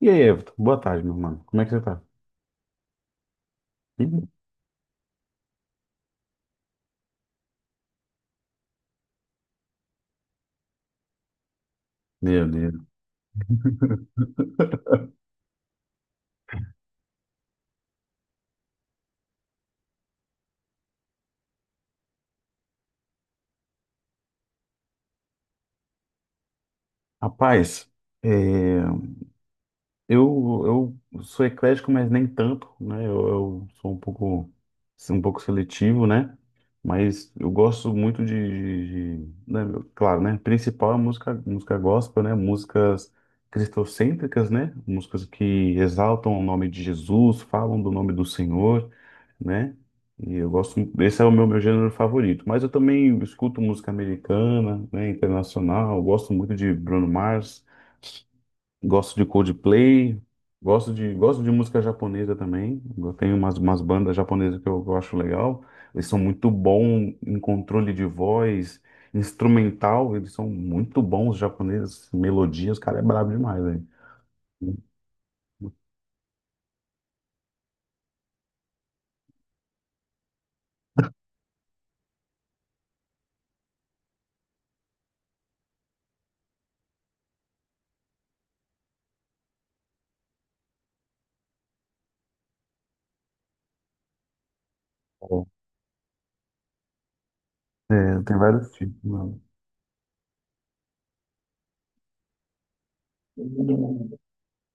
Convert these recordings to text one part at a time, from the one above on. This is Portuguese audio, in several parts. E aí, Everton? Boa tarde, meu mano. Como é que você tá? Ih, Meu Deus. Rapaz, é, eu sou eclético, mas nem tanto, né? Eu sou um pouco seletivo, né? Mas eu gosto muito né? Claro, né? Principal é música, música gospel, né? Músicas cristocêntricas, né? Músicas que exaltam o nome de Jesus, falam do nome do Senhor, né? E eu gosto, esse é o meu, meu gênero favorito. Mas eu também escuto música americana, né? Internacional. Eu gosto muito de Bruno Mars. Gosto de Coldplay, gosto de música japonesa também. Eu tenho umas, umas bandas japonesas que eu acho legal. Eles são muito bons em controle de voz, instrumental, eles são muito bons, os japoneses, melodias, o cara é brabo demais, velho. É, tem vários tipos, mano.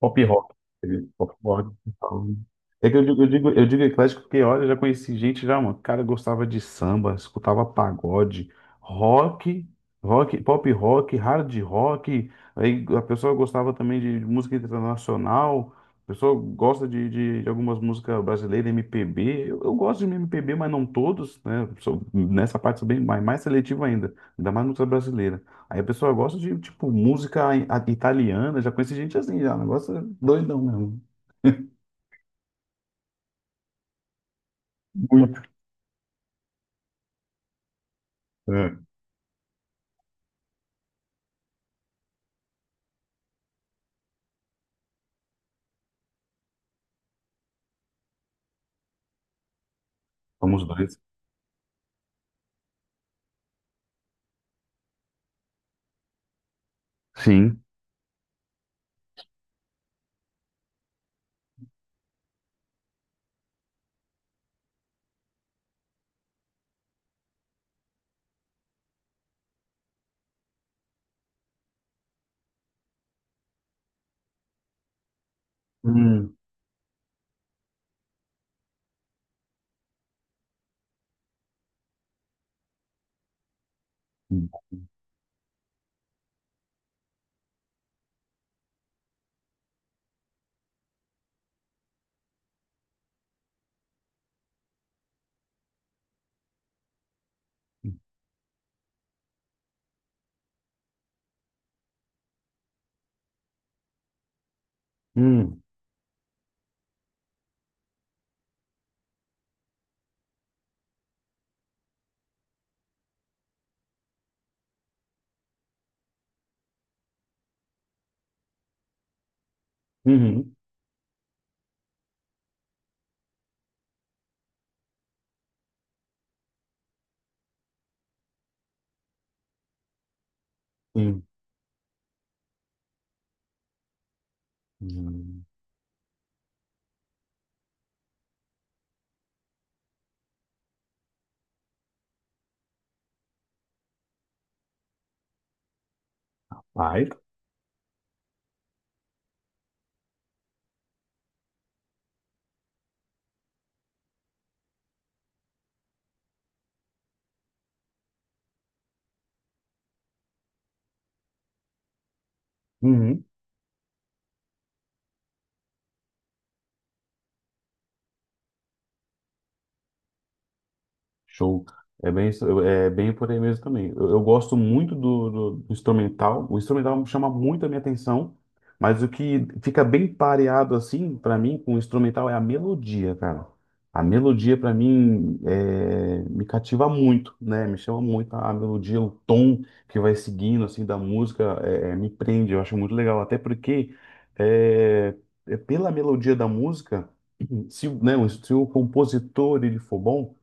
Pop rock, entendeu? Pop rock, então. É que eu digo eclético porque, olha, eu já conheci gente já, mano. O cara gostava de samba, escutava pagode, rock, rock, pop rock, hard rock. Aí a pessoa gostava também de música internacional. A pessoa gosta de algumas músicas brasileiras, MPB. Eu gosto de MPB, mas não todos, né? Sou- nessa parte sou bem mais, mais seletivo ainda. Ainda mais música brasileira. Aí a pessoa gosta de, tipo, música i- a- italiana, já conheci gente assim, já, o negócio é doidão mesmo. Muito. É, somos dois. Sim. Hum. Hum. Uhum. Sim. Hum. Ai. Show. É bem, isso- é bem por aí mesmo também. Eu gosto muito do instrumental. O instrumental chama muito a minha atenção, mas o que fica bem pareado assim para mim com o instrumental é a melodia, cara. A melodia para mim é, me cativa muito, né? Me chama muito a melodia, o tom que vai seguindo assim da música me prende. Eu acho muito legal, até porque é, é pela melodia da música, se, o- né, se o compositor ele for bom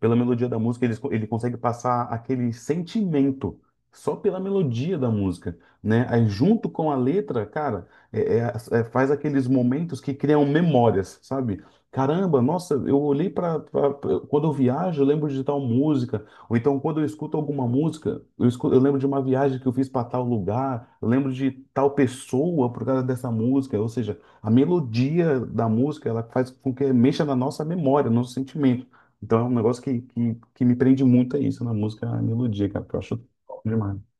pela melodia da música, ele consegue passar aquele sentimento só pela melodia da música, né? Aí junto com a letra, cara, faz aqueles momentos que criam memórias, sabe? Caramba, nossa, eu olhei para quando eu viajo, eu lembro de tal música, ou então quando eu escuto alguma música, eu, escu- eu lembro de uma viagem que eu fiz para tal lugar, eu lembro de tal pessoa por causa dessa música, ou seja, a melodia da música, ela faz com que mexa na nossa memória, no nosso sentimento. Então é um negócio que me prende muito a isso na música, a melodia, cara, que eu acho top demais.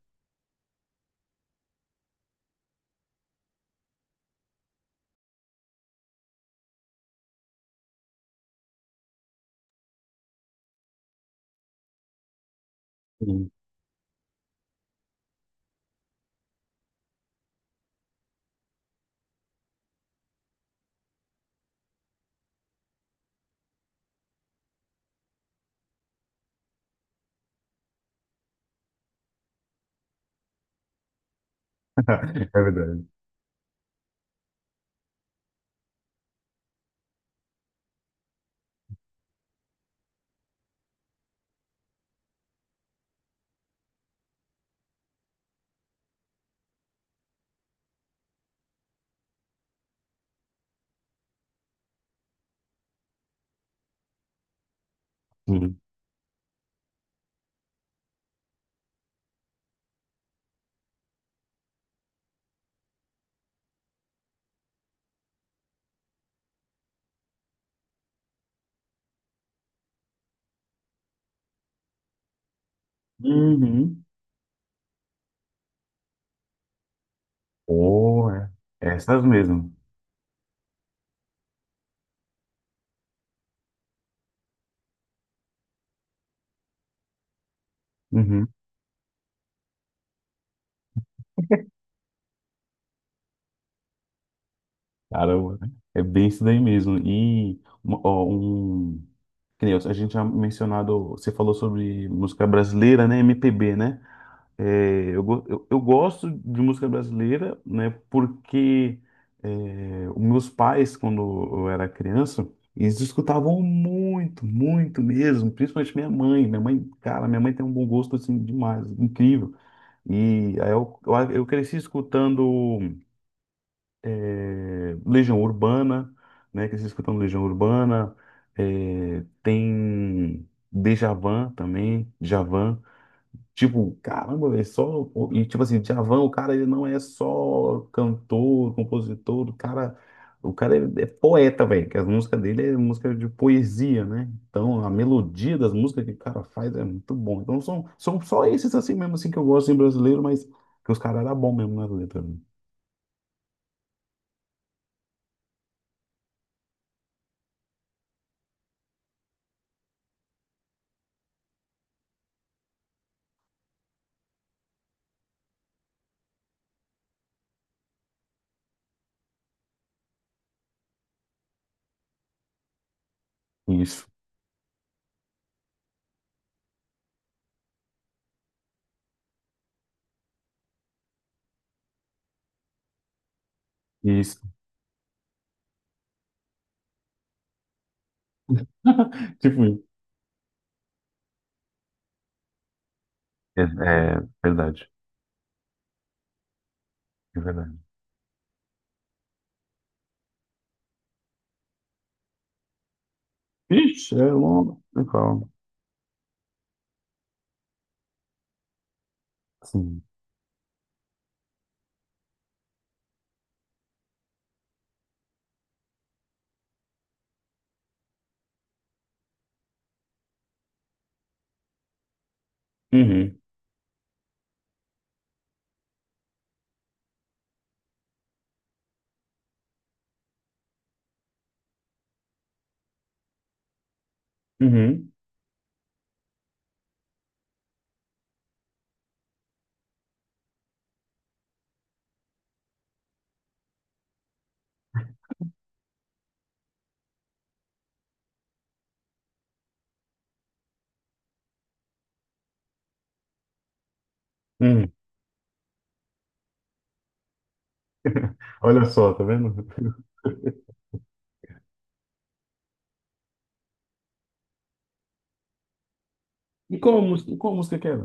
Sim. É verdade. Sim. Uhum. Oh, é. Essas mesmo. Uhum. Caramba, né? É bem isso daí mesmo. E uma- ó, um, que nem a gente já mencionado, você falou sobre música brasileira, né? MPB, né? É, eu gosto de música brasileira, né? Porque é, os meus pais, quando eu era criança, eles escutavam muito, muito mesmo, principalmente minha mãe. Minha mãe, cara, minha mãe tem um bom gosto assim demais, incrível. E aí eu cresci escutando é, Legião Urbana, né? Cresci escutando Legião Urbana, é, tem Djavan também, Djavan. Tipo, caramba, velho, só. E tipo assim, Djavan, o cara, ele não é só cantor, compositor, o cara. O cara é poeta, velho, que as músicas dele é música de poesia, né? Então, a melodia das músicas que o cara faz é muito bom. Então, são só esses assim mesmo, assim, que eu gosto em brasileiro, mas que os caras eram bons mesmo nas letras, né? Isso, isso. Tipo, isso. é, é verdade, é verdade. Ixi, é longo. Legal. Sim. Uhum, uhum, uhum. Olha só, tá vendo? E qual música que era?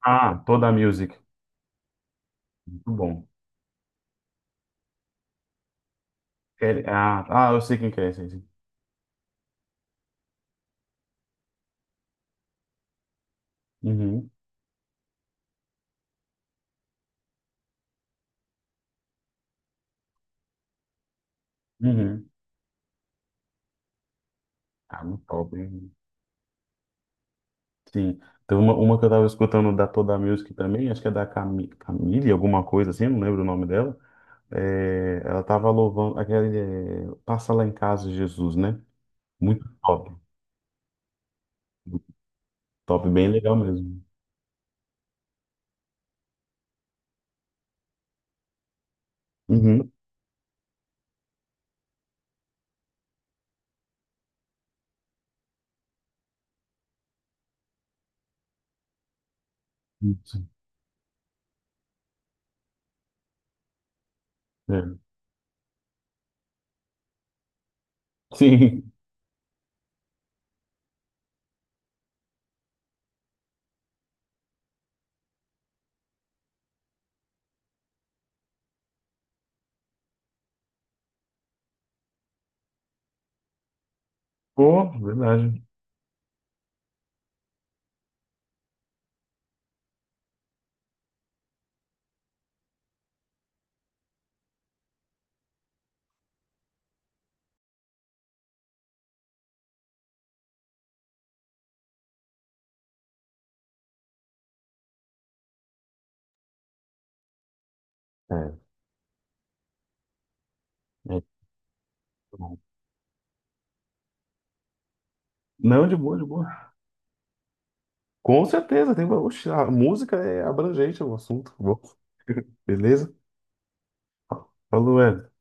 Ah, Toda a Music. Muito bom. Ele- Ah, ah, eu sei quem que é esse. Uhum, uhum. Ah, muito top, hein? Sim. Tem uma que eu tava escutando da Toda a Music também, acho que é da Cami, Camille, alguma coisa assim, eu não lembro o nome dela. É, ela tava louvando aquele é, Passa Lá em Casa, Jesus, né? Muito top. Muito top, bem legal mesmo. Uhum. Isso. É. Sim. Pô, verdade. É, é. Não, de boa, de boa. Com certeza, tem. Oxe, a música é abrangente o assunto. Bom, beleza? Falou, Hélio.